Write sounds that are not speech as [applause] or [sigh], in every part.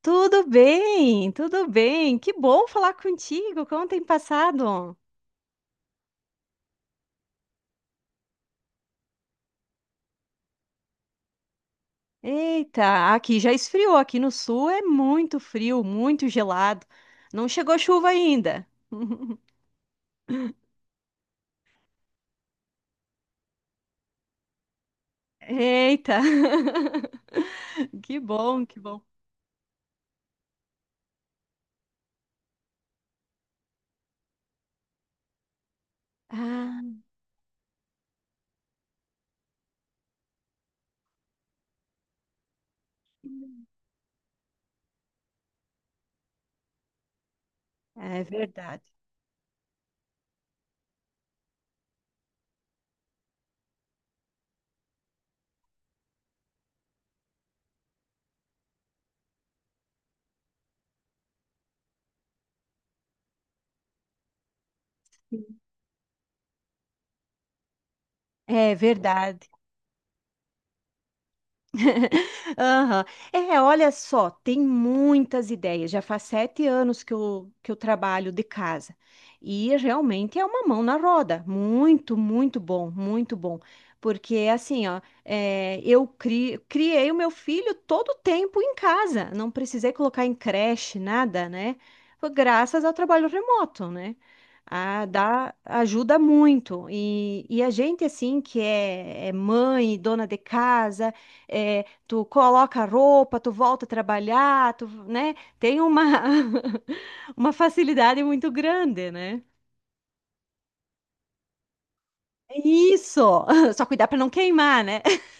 Tudo bem, tudo bem. Que bom falar contigo. Como tem passado? Eita, aqui já esfriou. Aqui no sul é muito frio, muito gelado. Não chegou chuva ainda. [laughs] Eita, [laughs] que bom, que bom. Ah, é verdade. É verdade. [laughs] Aham. É, olha só, tem muitas ideias. Já faz 7 anos que eu trabalho de casa. E é, realmente é uma mão na roda. Muito, muito bom, muito bom. Porque assim, ó, é, eu criei o meu filho todo o tempo em casa. Não precisei colocar em creche, nada, né? Foi graças ao trabalho remoto, né? Ah, dá, ajuda muito. E a gente, assim, que é mãe, dona de casa é, tu coloca a roupa, tu volta a trabalhar, tu, né? Tem uma, [laughs] uma facilidade muito grande, né? Isso! [laughs] Só cuidar para não queimar, né? [laughs]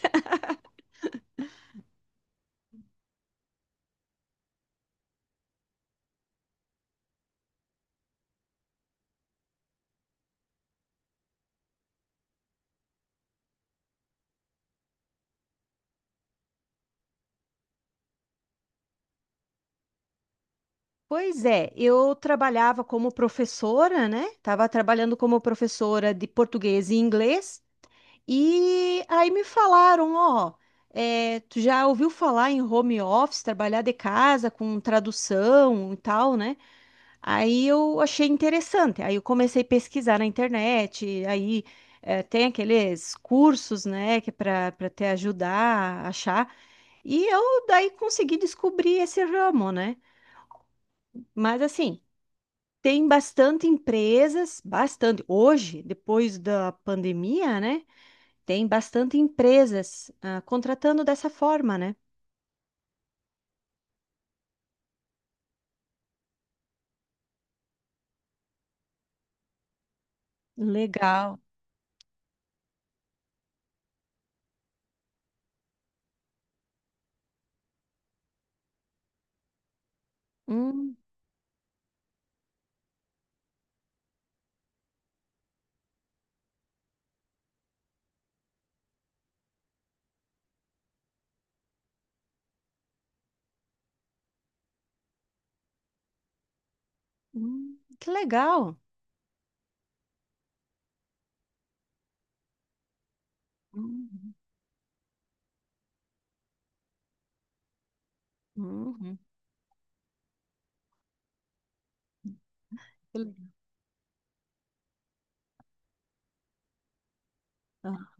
Pois é, eu trabalhava como professora, né? Tava trabalhando como professora de português e inglês. E aí me falaram, ó, tu já ouviu falar em home office, trabalhar de casa com tradução e tal, né? Aí eu achei interessante. Aí eu comecei a pesquisar na internet. Aí tem aqueles cursos, né, que para te ajudar a achar. E eu daí consegui descobrir esse ramo, né? Mas assim, tem bastante empresas, bastante. Hoje, depois da pandemia, né, tem bastante empresas contratando dessa forma, né? Legal. Hum, que legal. Uhum. Uhum, que le- ah.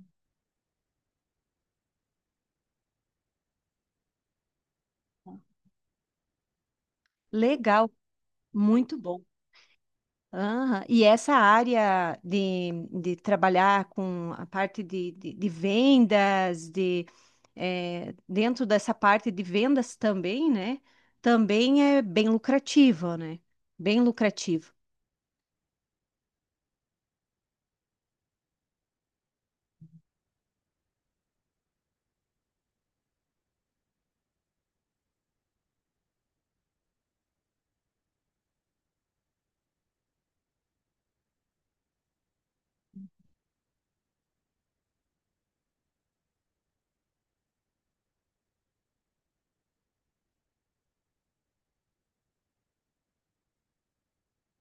Legal. Muito bom. Aham. E essa área de trabalhar com a parte de vendas, dentro dessa parte de vendas também, né? Também é bem lucrativa, né? Bem lucrativa.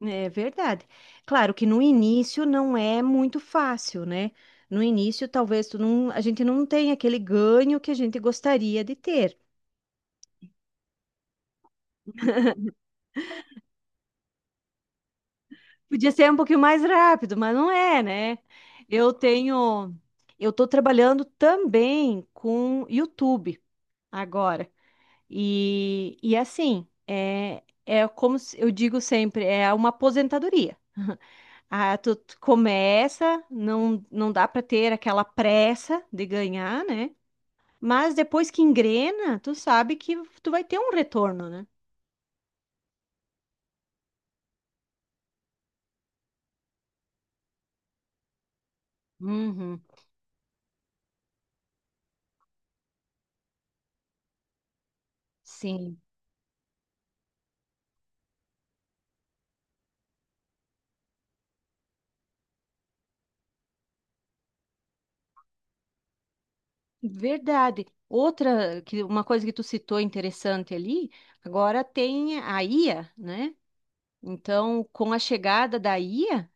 É verdade. Claro que no início não é muito fácil, né? No início, talvez tu não, a gente não tenha aquele ganho que a gente gostaria de ter. Podia ser um pouquinho mais rápido, mas não é, né? Eu tenho, eu tô trabalhando também com YouTube agora. E assim, é, é como se- eu digo sempre, é uma aposentadoria. Ah, tu começa, não, não dá para ter aquela pressa de ganhar, né? Mas depois que engrena, tu sabe que tu vai ter um retorno, né? Uhum, sim. Verdade. Outra, que uma coisa que tu citou interessante ali, agora tem a IA, né? Então, com a chegada da IA, a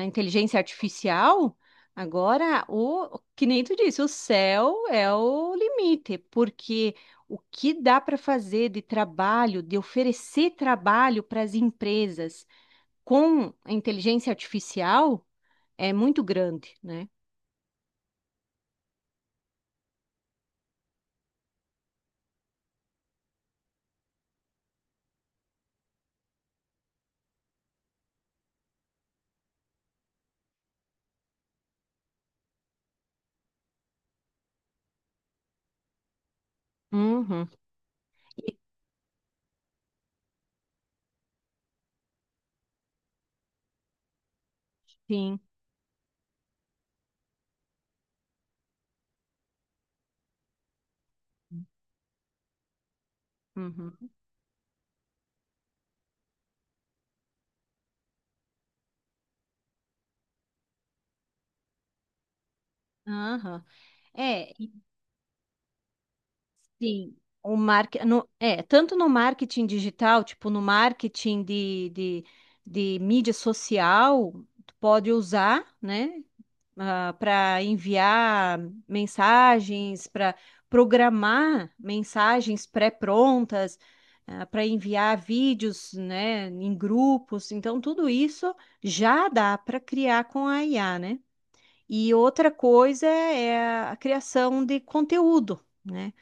a inteligência artificial, que nem tu disse, o céu é o limite, porque o que dá para fazer de trabalho, de oferecer trabalho para as empresas com a inteligência artificial é muito grande, né? Uhum. E- Sim. Uhum. Aham. É, sim. O market, no, é, tanto no marketing digital, tipo no marketing de mídia social, tu pode usar, né, para enviar mensagens, para programar mensagens pré-prontas, para enviar vídeos, né, em grupos. Então, tudo isso já dá para criar com a IA, né? E outra coisa é a criação de conteúdo, né?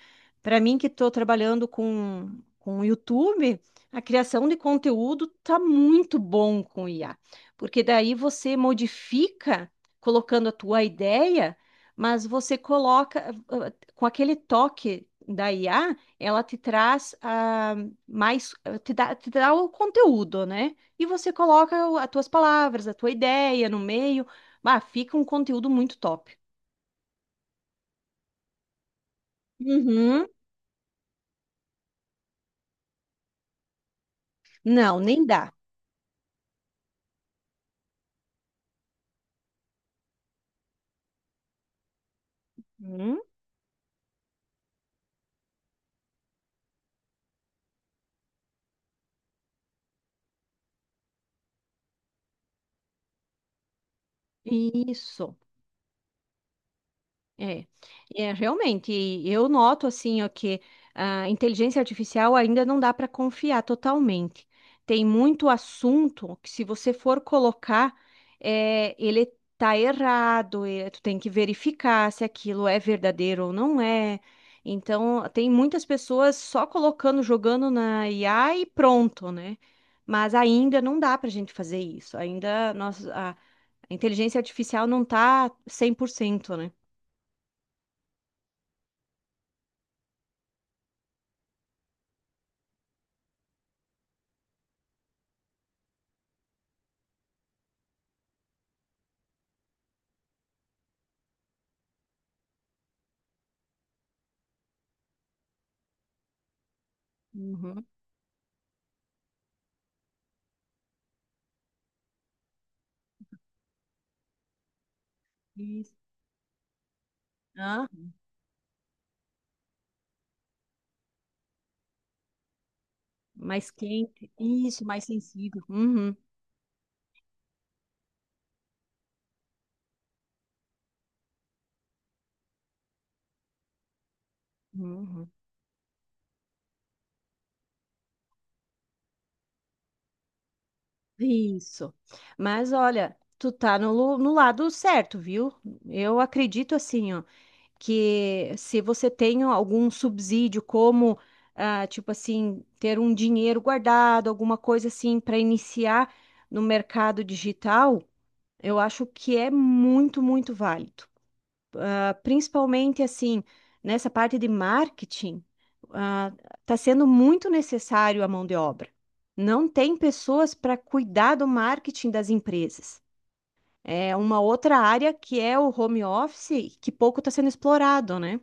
Para mim, que estou trabalhando com o YouTube, a criação de conteúdo tá muito bom com IA, porque daí você modifica colocando a tua ideia, mas você coloca com aquele toque da IA, ela te traz mais, te dá o conteúdo, né? E você coloca as tuas palavras, a tua ideia no meio, fica um conteúdo muito top. Uhum. Não, nem dá. Uhum. Isso. É, é realmente, e eu noto assim, ó, que a inteligência artificial ainda não dá para confiar totalmente. Tem muito assunto que se você for colocar, ele tá errado, e tu tem que verificar se aquilo é verdadeiro ou não é. Então, tem muitas pessoas só colocando, jogando na IA e pronto, né? Mas ainda não dá para a gente fazer isso. A inteligência artificial não tá 100%, né? Uhum. Isso. Hã? Mais quente. Isso, mais sensível. Uhum, uhum. Isso. Mas olha, tu tá no lado certo, viu? Eu acredito assim, ó, que se você tem algum subsídio, como, tipo assim, ter um dinheiro guardado, alguma coisa assim, para iniciar no mercado digital, eu acho que é muito, muito válido. Principalmente assim, nessa parte de marketing, está sendo muito necessário a mão de obra. Não tem pessoas para cuidar do marketing das empresas. É uma outra área que é o home office, que pouco está sendo explorado, né?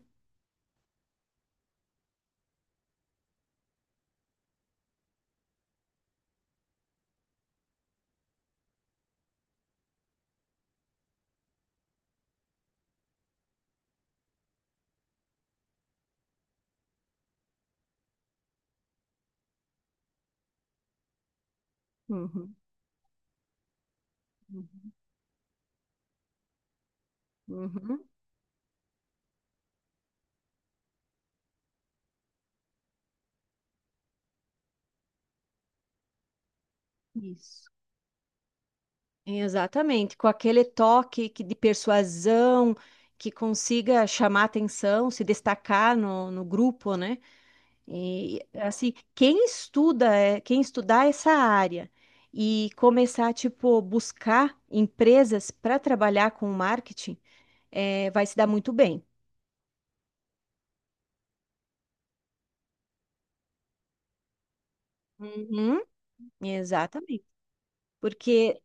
Uhum, uhum, uhum. Isso. Exatamente, com aquele toque de persuasão que consiga chamar atenção, se destacar no grupo, né? E, assim, quem estudar essa área e começar, tipo, buscar empresas para trabalhar com marketing, vai se dar muito bem. Uhum. Exatamente. Porque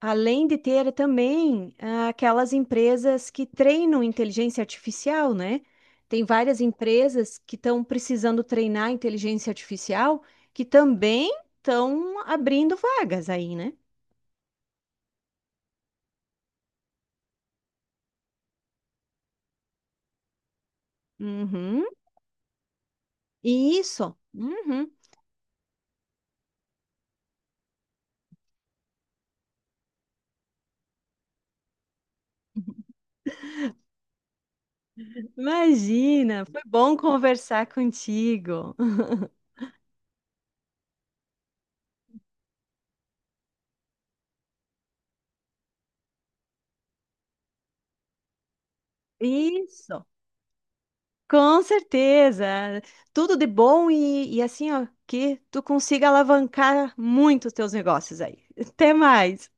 além de ter também aquelas empresas que treinam inteligência artificial, né? Tem várias empresas que estão precisando treinar inteligência artificial que também estão abrindo vagas aí, né? Uhum. Isso. Uhum. Imagina, foi bom conversar contigo. Isso, com certeza. Tudo de bom e, assim, ó, que tu consiga alavancar muito os teus negócios aí. Até mais.